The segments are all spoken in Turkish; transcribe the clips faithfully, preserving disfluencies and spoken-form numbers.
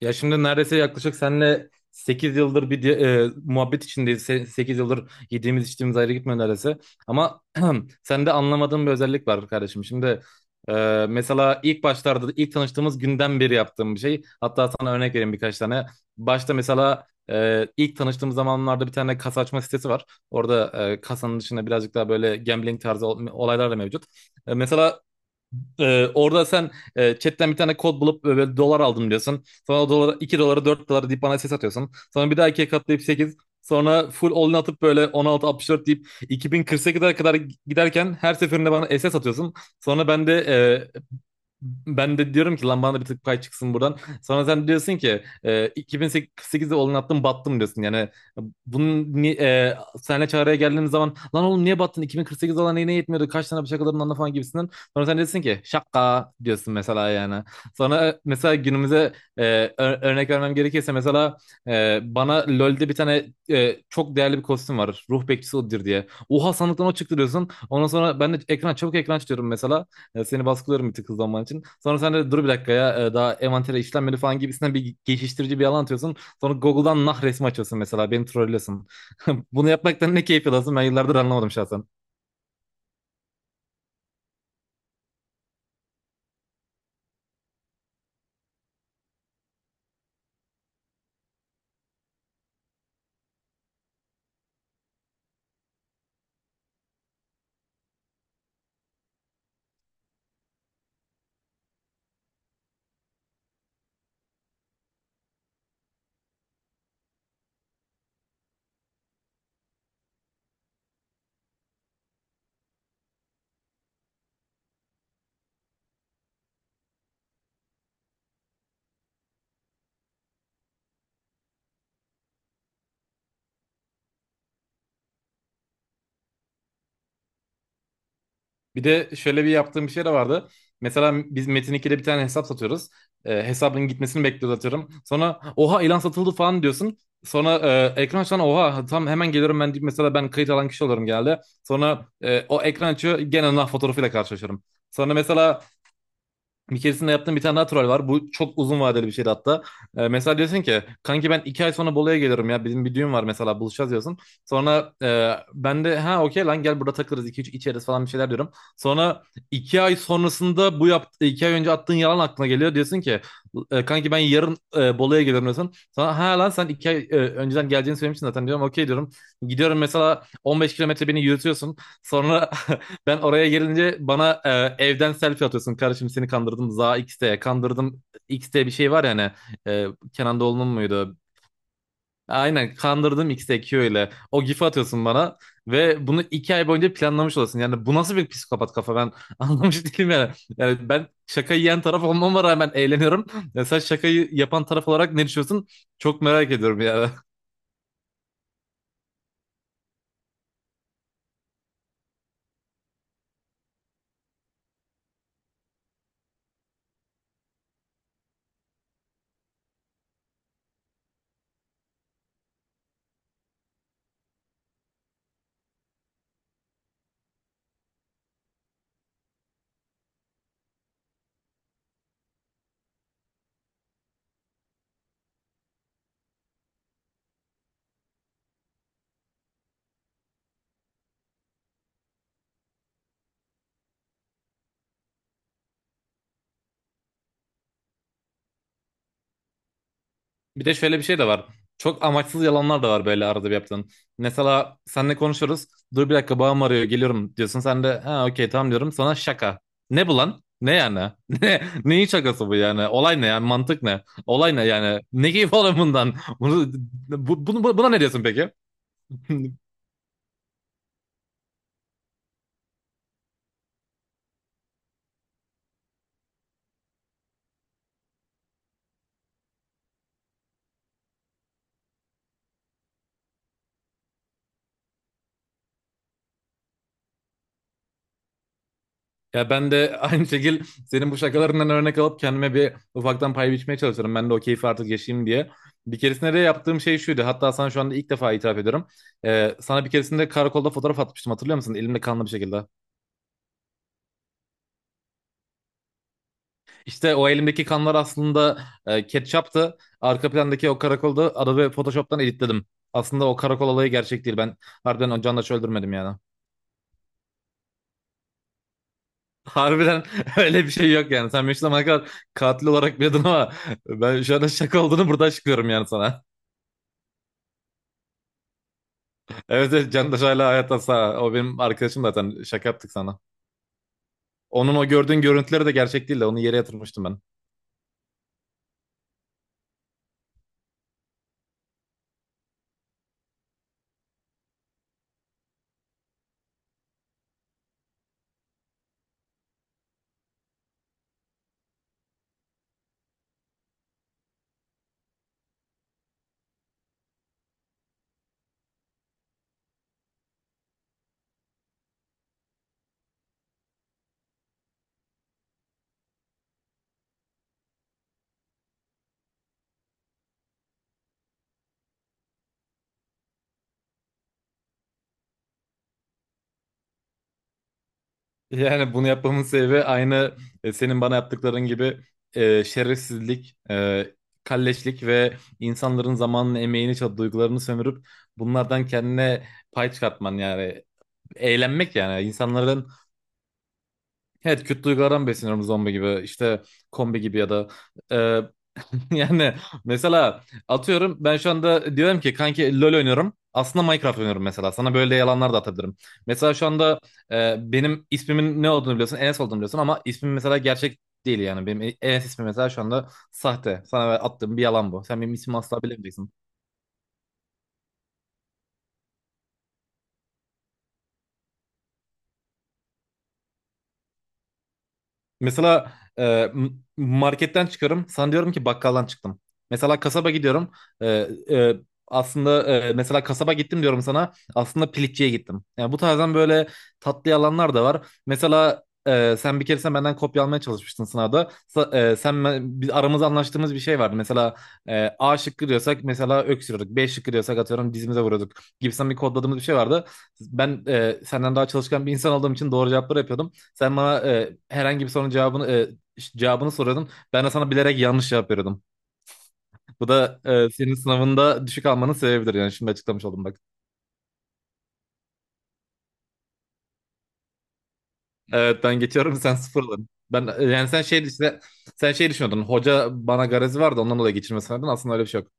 Ya şimdi neredeyse yaklaşık seninle sekiz yıldır bir di- e, muhabbet içindeyiz. Sekiz yıldır yediğimiz içtiğimiz ayrı gitmiyor neredeyse. Ama sende anlamadığım bir özellik var kardeşim. Şimdi e, mesela ilk başlarda ilk tanıştığımız günden beri yaptığım bir şey. Hatta sana örnek vereyim birkaç tane. Başta mesela e, ilk tanıştığımız zamanlarda bir tane kasa açma sitesi var. Orada e, kasanın dışında birazcık daha böyle gambling tarzı ol- olaylar da mevcut. E, mesela ee, orada sen, e, chatten bir tane kod bulup e, böyle dolar aldım diyorsun. Sonra o dolara iki dolara dört dolara deyip bana ses atıyorsun. Sonra bir daha ikiye katlayıp sekiz. Sonra full all-in atıp böyle on altı virgül altmış dört deyip iki bin kırk sekize kadar giderken her seferinde bana S S atıyorsun. Sonra ben de e, ben de diyorum ki lan bana da bir tık pay çıksın buradan. Sonra sen diyorsun ki e, iki bin sekizde olan attım battım diyorsun. Yani bunun ni- e, senle çağrıya geldiğimiz zaman lan oğlum niye battın? iki bin kırk sekiz olan neyine yetmiyordu? Kaç tane şakaların anla falan gibisinden. Sonra sen diyorsun ki şaka diyorsun mesela yani. Sonra e, mesela günümüze, e, ö- örnek vermem gerekirse mesela e, bana LoL'de bir tane e, çok değerli bir kostüm var. Ruh bekçisi odur diye. Oha sandıktan o çıktı diyorsun. Ondan sonra ben de ekran çabuk ekran açıyorum mesela. Ya seni baskılıyorum bir tık hızlanman için. Sonra sen de dur bir dakika ya e, daha envantere işlenmedi falan gibisinden bir geçiştirici bir yalan atıyorsun. Sonra Google'dan nah resmi açıyorsun mesela beni trollüyorsun. Bunu yapmaktan ne keyif alıyorsun ben yıllardır anlamadım şahsen. Bir de şöyle bir yaptığım bir şey de vardı. Mesela biz Metin ikide bir tane hesap satıyoruz. E, hesabın gitmesini bekliyoruz atıyorum. Sonra oha ilan satıldı falan diyorsun. Sonra e, ekran açan oha tam hemen geliyorum ben deyip mesela ben kayıt alan kişi olurum genelde. Sonra e, o ekran açıyor gene nah fotoğrafıyla karşılaşıyorum. Sonra mesela bir keresinde yaptığım bir tane daha troll var. Bu çok uzun vadeli bir şeydi hatta. Ee, mesela diyorsun ki kanki ben iki ay sonra Bolu'ya geliyorum ya. Bizim bir düğün var mesela buluşacağız diyorsun. Sonra e, ben de ha okey lan gel burada takılırız. İki üç içeriz falan bir şeyler diyorum. Sonra iki ay sonrasında bu yaptı, iki ay önce attığın yalan aklına geliyor. Diyorsun ki e, kanki ben yarın, e, Bolu'ya geliyorum diyorsun. Sonra ha lan sen iki ay e, önceden geleceğini söylemiştin zaten diyorum. Okey diyorum. Gidiyorum mesela on beş kilometre beni yürütüyorsun. Sonra ben oraya gelince bana, e, evden selfie atıyorsun. Kardeşim seni kandırdım. Za X'te kandırdım. X'te bir şey var ya hani, e, Kenan Doğulu'nun muydu? Aynen kandırdım X'te Q ile. O gif'i atıyorsun bana ve bunu iki ay boyunca planlamış olasın. Yani bu nasıl bir psikopat kafa ben anlamış değilim yani. Yani ben şaka yiyen taraf olmama rağmen eğleniyorum. Ya sen şakayı yapan taraf olarak ne düşünüyorsun? Çok merak ediyorum yani. Bir de şöyle bir şey de var. Çok amaçsız yalanlar da var böyle arada bir yaptığın. Mesela seninle konuşuyoruz. Dur bir dakika babam arıyor geliyorum diyorsun. Sen de ha okey tamam diyorum. Sana şaka. Ne bu lan? Ne yani? Ne, neyin şakası bu yani? Olay ne yani? Mantık ne? Olay ne yani? Ne keyif alıyorsun bundan? Bunu, bu, bunu- Buna ne diyorsun peki? Ya ben de aynı şekil senin bu şakalarından örnek alıp kendime bir ufaktan pay biçmeye çalışıyorum. Ben de o keyfi artık yaşayayım diye. Bir keresinde de yaptığım şey şuydu. Hatta sana şu anda ilk defa itiraf ediyorum. Ee, sana bir keresinde karakolda fotoğraf atmıştım hatırlıyor musun? Elimde kanlı bir şekilde. İşte o elimdeki kanlar aslında, e, ketçaptı. Arka plandaki o karakolda Adobe Photoshop'tan editledim. Aslında o karakol olayı gerçek değil. Ben harbiden o canla öldürmedim yani. Harbiden öyle bir şey yok yani. Sen benim zamana kadar katil olarak biliyordun ama ben şu anda şaka olduğunu burada açıklıyorum yani sana. Evet, evet, Candaş hala hayatta sağ. O benim arkadaşım zaten şaka yaptık sana. Onun o gördüğün görüntüleri de gerçek değil de onu yere yatırmıştım ben. Yani bunu yapmamın sebebi aynı, e, senin bana yaptıkların gibi, e, şerefsizlik, e, kalleşlik ve insanların zamanını, emeğini, çab- duygularını sömürüp bunlardan kendine pay çıkartman yani. Eğlenmek yani. İnsanların Evet, kötü duygulardan besleniyorum zombi gibi işte, kombi gibi ya da, e, yani mesela atıyorum ben şu anda diyorum ki kanki LoL oynuyorum aslında Minecraft oynuyorum mesela sana böyle yalanlar da atabilirim. Mesela şu anda, e, benim ismimin ne olduğunu biliyorsun, Enes olduğunu biliyorsun ama ismim mesela gerçek değil yani. Benim Enes ismi mesela şu anda sahte, sana attığım bir yalan bu, sen benim ismimi asla bilemeyeceksin. Mesela e, m- marketten çıkıyorum. Sana diyorum ki bakkaldan çıktım. Mesela kasaba gidiyorum. E, e, Aslında, e, mesela kasaba gittim diyorum sana. Aslında piliççiye gittim. Yani bu tarzdan böyle tatlı yalanlar da var. Mesela e, sen bir keresinde benden kopya almaya çalışmıştın sınavda. Sa- e, sen ben- biz aramızda anlaştığımız bir şey vardı. Mesela e, A şıkkı diyorsak mesela öksürüyorduk. B şıkkı diyorsak atıyorum dizimize vuruyorduk. Gibisinden bir kodladığımız bir şey vardı. Ben e, senden daha çalışkan bir insan olduğum için doğru cevapları yapıyordum. Sen bana e, herhangi bir sorunun cevabını e, ş- cevabını soruyordun. Ben de sana bilerek yanlış cevap veriyordum. Bu da, e, senin sınavında düşük almanın sebebidir yani şimdi açıklamış oldum bak. Evet, ben geçiyorum sen sıfır alın. Ben, e, yani sen şey işte sen şey düşünüyordun. Hoca bana garezi vardı ondan dolayı geçirme sanıyordun. Aslında öyle bir şey yok.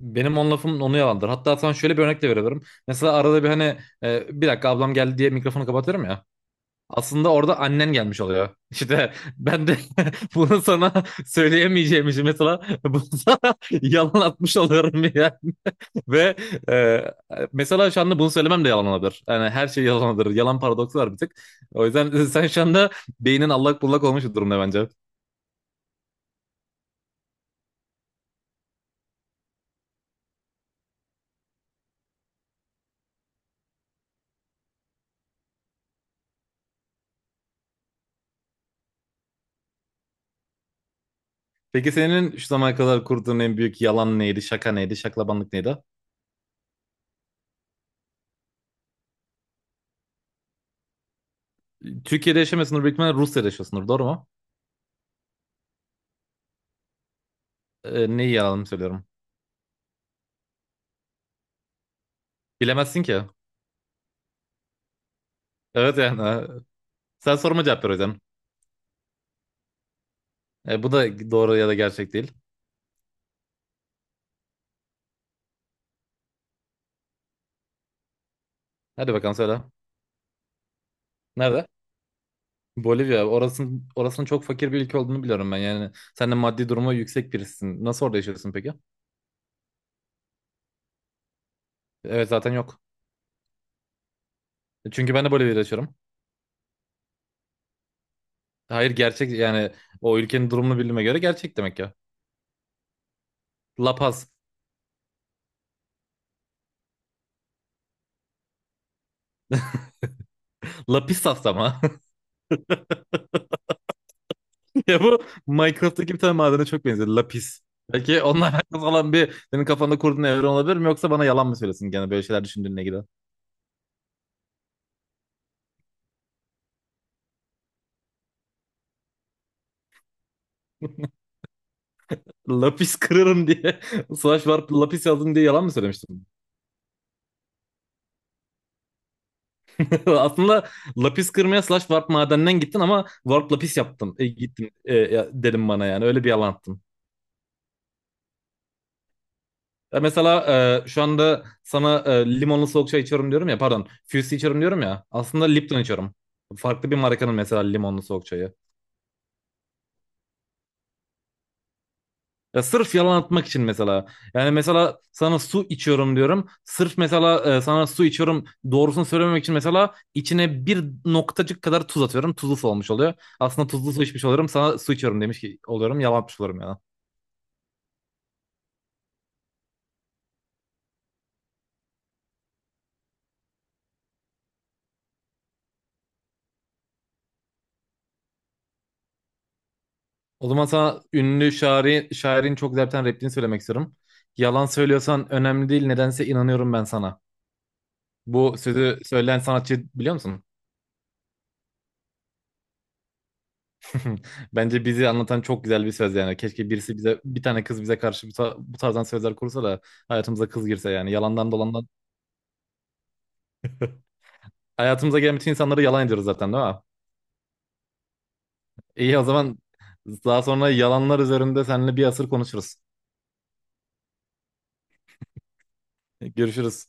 Benim on lafım onu yalandır. Hatta sana şöyle bir örnek de verebilirim. Mesela arada bir hani, e, bir dakika ablam geldi diye mikrofonu kapatıyorum ya. Aslında orada annen gelmiş oluyor. İşte ben de bunu sana söyleyemeyeceğim için mesela bunu sana yalan atmış oluyorum ya. Ve, e, mesela şu anda bunu söylemem de yalan olabilir. Yani her şey yalan olabilir. Yalan paradoksu var bir tık. O yüzden sen şu anda beynin allak bullak olmuş bir durumda bence. Peki senin şu zamana kadar kurduğun en büyük yalan neydi? Şaka neydi? Şaklabanlık neydi? Türkiye'de yaşamıyorsundur büyük ihtimalle Rusya'da yaşıyorsundur doğru mu? E, neyi yalan söylüyorum? Bilemezsin ki. Evet yani. e, Sen sorma cevap ver o yüzden. E, bu da doğru ya da gerçek değil. Hadi bakalım söyle. Nerede? Bolivya. Orasının, orasının çok fakir bir ülke olduğunu biliyorum ben. Yani sen de maddi durumu yüksek birisin. Nasıl orada yaşıyorsun peki? Evet zaten yok. Çünkü ben de Bolivya'da yaşıyorum. Hayır gerçek yani, o ülkenin durumunu bildiğime göre gerçek demek ya. Lapaz, Paz. Lapisas ama. Ya bu Minecraft'taki bir tane madene çok benziyor. Lapis. Belki onunla alakalı olan bir senin kafanda kurduğun evren olabilir mi? Yoksa bana yalan mı söylesin gene böyle şeyler düşündüğüne gider. Lapis kırarım diye. Slash var lapis yazdım diye yalan mı söylemiştim? Aslında lapis kırmaya slash warp madeninden gittin ama warp lapis yaptım. E, gittim, e, ya- dedim bana yani öyle bir yalan attın. Ya mesela, e, şu anda sana, e, limonlu soğuk çay içiyorum diyorum ya, pardon, Fusi içiyorum diyorum ya, aslında Lipton içiyorum. Farklı bir markanın mesela limonlu soğuk çayı. Ya sırf yalan atmak için mesela. Yani mesela sana su içiyorum diyorum. Sırf mesela, e, sana su içiyorum doğrusunu söylememek için mesela içine bir noktacık kadar tuz atıyorum. Tuzlu su olmuş oluyor. Aslında tuzlu su içmiş oluyorum. Sana su içiyorum demiş ki oluyorum. Yalan atmış oluyorum yani. O zaman sana ünlü şairi, şairin çok güzel bir tane repliğini söylemek istiyorum. Yalan söylüyorsan önemli değil. Nedense inanıyorum ben sana. Bu sözü söyleyen sanatçı biliyor musun? Hı. Bence bizi anlatan çok güzel bir söz yani. Keşke birisi bize bir tane kız bize karşı bu, ta- bu tarzdan sözler kursa da hayatımıza kız girse yani. Yalandan dolandan hayatımıza gelen bütün insanları yalan ediyoruz zaten değil mi? İyi o zaman daha sonra yalanlar üzerinde seninle bir asır konuşuruz. Görüşürüz.